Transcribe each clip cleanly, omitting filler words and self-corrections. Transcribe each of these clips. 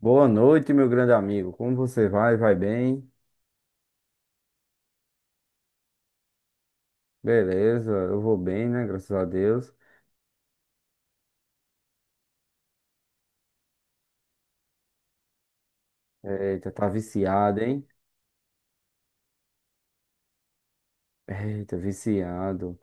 Boa noite, meu grande amigo. Como você vai? Vai bem? Beleza, eu vou bem, né? Graças a Deus. Eita, tá viciado, hein? Eita, viciado.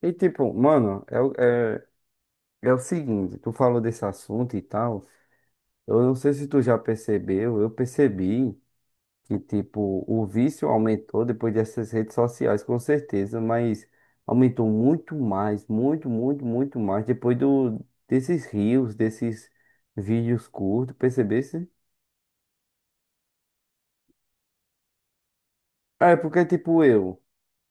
E tipo, mano, é, o seguinte, tu falou desse assunto e tal. Eu não sei se tu já percebeu, eu percebi que, tipo, o vício aumentou depois dessas redes sociais, com certeza, mas aumentou muito mais, muito, muito, muito mais depois desses vídeos curtos, percebesse? É, porque, tipo, eu,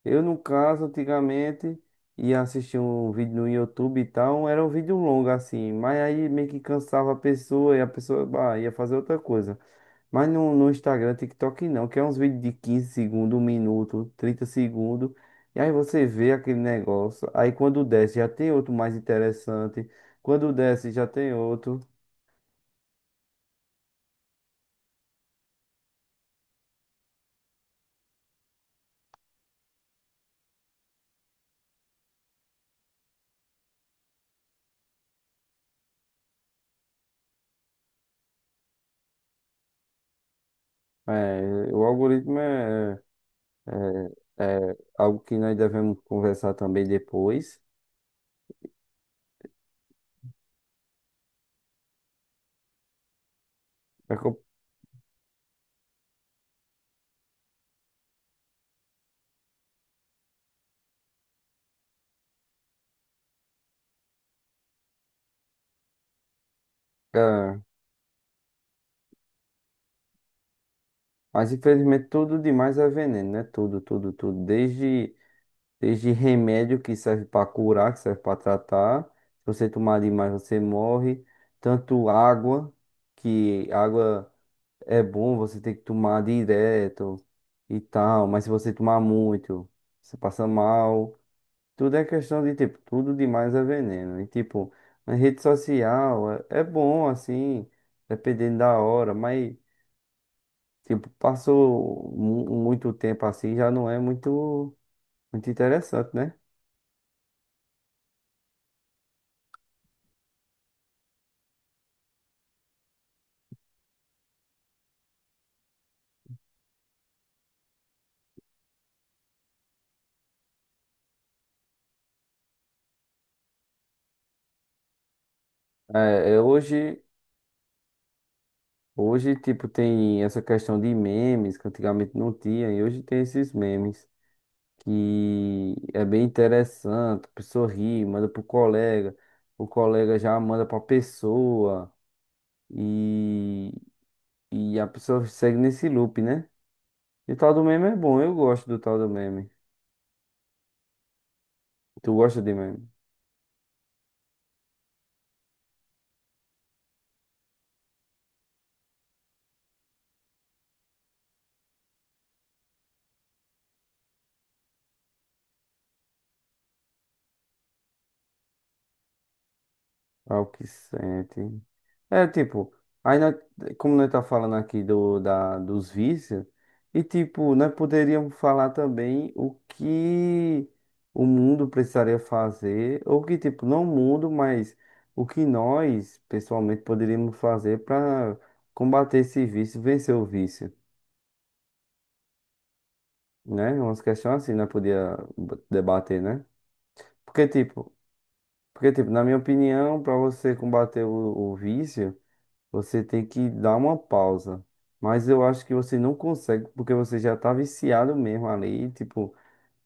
eu no caso, antigamente, ia assistir um vídeo no YouTube e tal, era um vídeo longo, assim, mas aí meio que cansava a pessoa e a pessoa, bah, ia fazer outra coisa. Mas no Instagram, TikTok não, que é uns vídeos de 15 segundos, 1 minuto, 30 segundos, e aí você vê aquele negócio, aí quando desce já tem outro mais interessante, quando desce já tem outro. É, o algoritmo é, é algo que nós devemos conversar também depois. É com-. É, mas infelizmente tudo demais é veneno, né? Tudo, tudo, tudo. Desde remédio que serve para curar, que serve para tratar. Se você tomar demais, você morre. Tanto água, que água é bom, você tem que tomar direto e tal. Mas se você tomar muito, você passa mal. Tudo é questão de, tipo, tudo demais é veneno. E, tipo, na rede social é bom, assim, dependendo da hora, mas, tipo, passou muito tempo assim, já não é muito, muito interessante, né? É hoje, hoje, tipo, tem essa questão de memes, que antigamente não tinha, e hoje tem esses memes, que é bem interessante, a pessoa ri, manda pro colega, o colega já manda pra pessoa. E E a pessoa segue nesse loop, né? E o tal do meme é bom, eu gosto do tal do meme. Tu gosta de meme? Ao que sente. É, tipo, aí como nós tá falando aqui dos vícios, e tipo, nós poderíamos falar também o que o mundo precisaria fazer, ou que, tipo, não o mundo, mas o que nós, pessoalmente, poderíamos fazer para combater esse vício, vencer o vício, né? Umas questões assim, nós podia debater, né? Porque, tipo, porque, tipo, na minha opinião, para você combater o vício, você tem que dar uma pausa. Mas eu acho que você não consegue, porque você já tá viciado mesmo ali, tipo,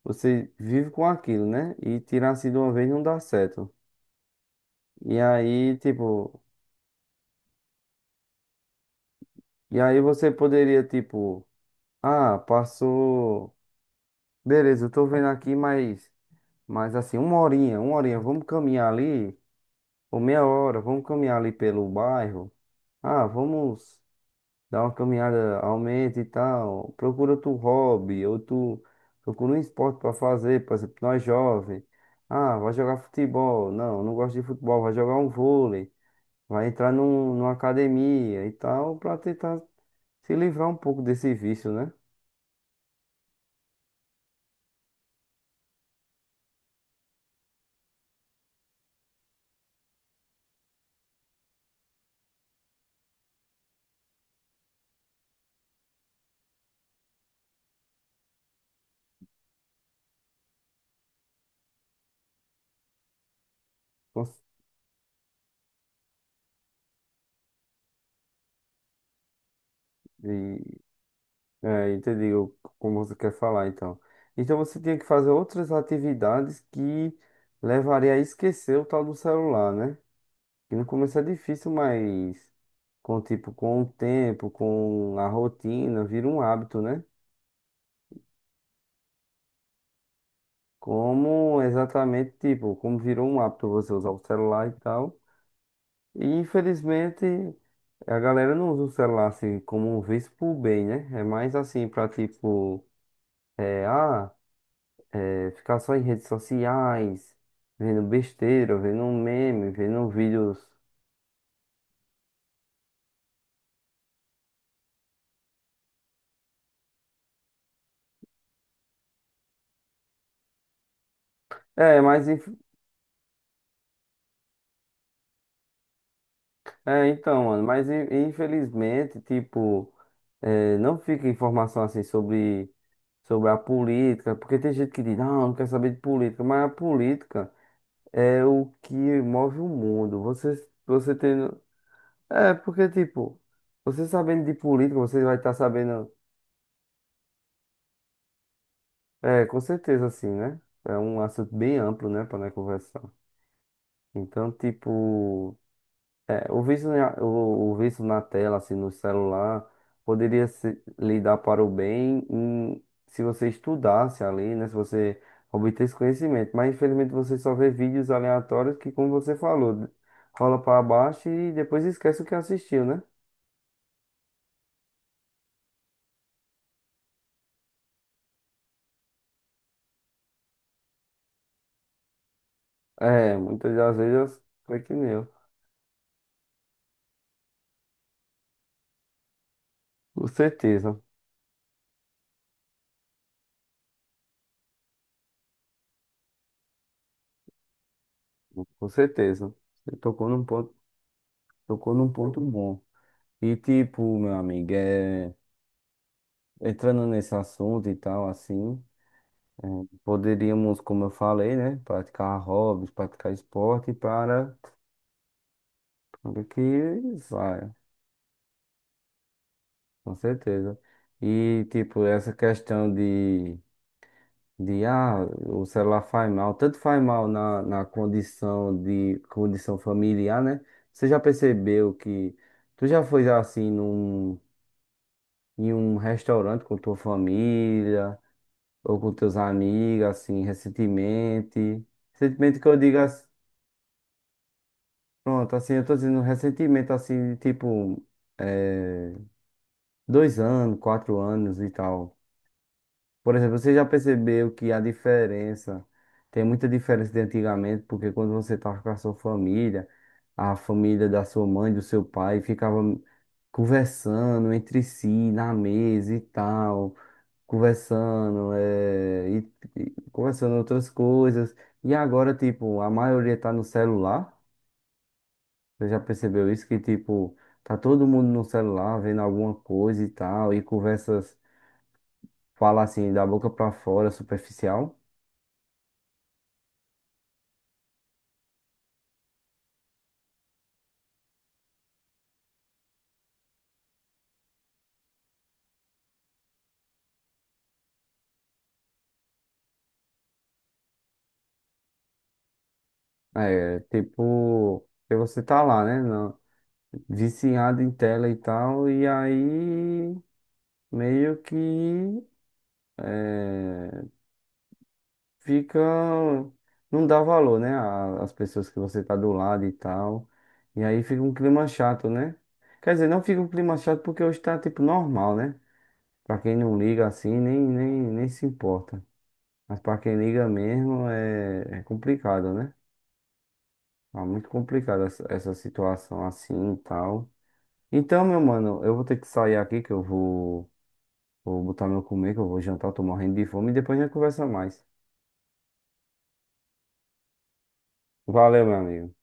você vive com aquilo, né? E tirar assim de uma vez não dá certo. E aí, tipo, e aí você poderia, tipo, ah, passou. Beleza, eu tô vendo aqui, mas assim, uma horinha, vamos caminhar ali, ou meia hora, vamos caminhar ali pelo bairro. Ah, vamos. Dá uma caminhada, aumenta e tal. Procura outro hobby, ou tu procura um esporte pra fazer, por exemplo, nós jovens. Ah, vai jogar futebol. Não, não gosto de futebol, vai jogar um vôlei. Vai entrar numa academia e tal, pra tentar se livrar um pouco desse vício, né? Cons-. E, entendi como você quer falar, então. Então você tinha que fazer outras atividades que levaria a esquecer o tal do celular, né? Que no começo é difícil, mas. Com tipo, com o tempo, com a rotina, vira um hábito, né? Como exatamente, tipo, como virou um hábito você usar o celular e tal. E infelizmente a galera não usa o celular assim como um vício pro bem, né? É mais assim pra tipo, é, ah, ficar só em redes sociais, vendo besteira, vendo um meme, vendo vídeos. É, mas. É, então, mano, mas infelizmente, tipo, eh, não fica informação assim sobre a política, porque tem gente que diz, não, não quer saber de política, mas a política é o que move o mundo. Você tendo. É, porque, tipo, você sabendo de política, você vai estar sabendo. É, com certeza, assim, né? É um assunto bem amplo, né, para nós conversar. Então, tipo. É, o vício, o vício na tela, assim, no celular, poderia se, lhe dar para o bem em- se você estudasse ali, né? Se você obtesse conhecimento. Mas, infelizmente, você só vê vídeos aleatórios que, como você falou, rola para baixo e depois esquece o que assistiu, né? É, muitas das vezes foi que nem eu. Com certeza, com certeza. Você tocou num ponto bom. E, tipo, meu amigo, é, entrando nesse assunto e tal, assim. Poderíamos, como eu falei, né? Praticar hobbies, praticar esporte para o que saia, com certeza. E, tipo, essa questão de o celular faz mal, tanto faz mal na condição de condição familiar, né? Você já percebeu que tu já foi assim em um restaurante com tua família ou com teus amigos, assim, recentemente? Recentemente que eu diga. Pronto, assim, eu tô dizendo recentemente, assim, tipo, eh, 2 anos, 4 anos e tal. Por exemplo, você já percebeu que a diferença, tem muita diferença de antigamente, porque quando você tava com a sua família, a família da sua mãe, do seu pai, ficava conversando entre si, na mesa e tal, conversando, e conversando outras coisas. E agora, tipo, a maioria tá no celular. Você já percebeu isso? Que, tipo, tá todo mundo no celular vendo alguma coisa e tal, e conversas, fala assim, da boca pra fora, superficial. É, tipo, que você tá lá, né? Na- viciado em tela e tal, e aí meio que é, fica. Não dá valor, né? A- As pessoas que você tá do lado e tal. E aí fica um clima chato, né? Quer dizer, não fica um clima chato porque hoje tá, tipo, normal, né? Pra quem não liga assim, nem, nem, nem se importa. Mas pra quem liga mesmo, é complicado, né? Tá muito complicado essa situação assim e tal. Então, meu mano, eu vou ter que sair aqui, que eu vou botar meu comer, que eu vou jantar, eu tô morrendo de fome, e depois a gente conversa mais. Valeu, meu amigo.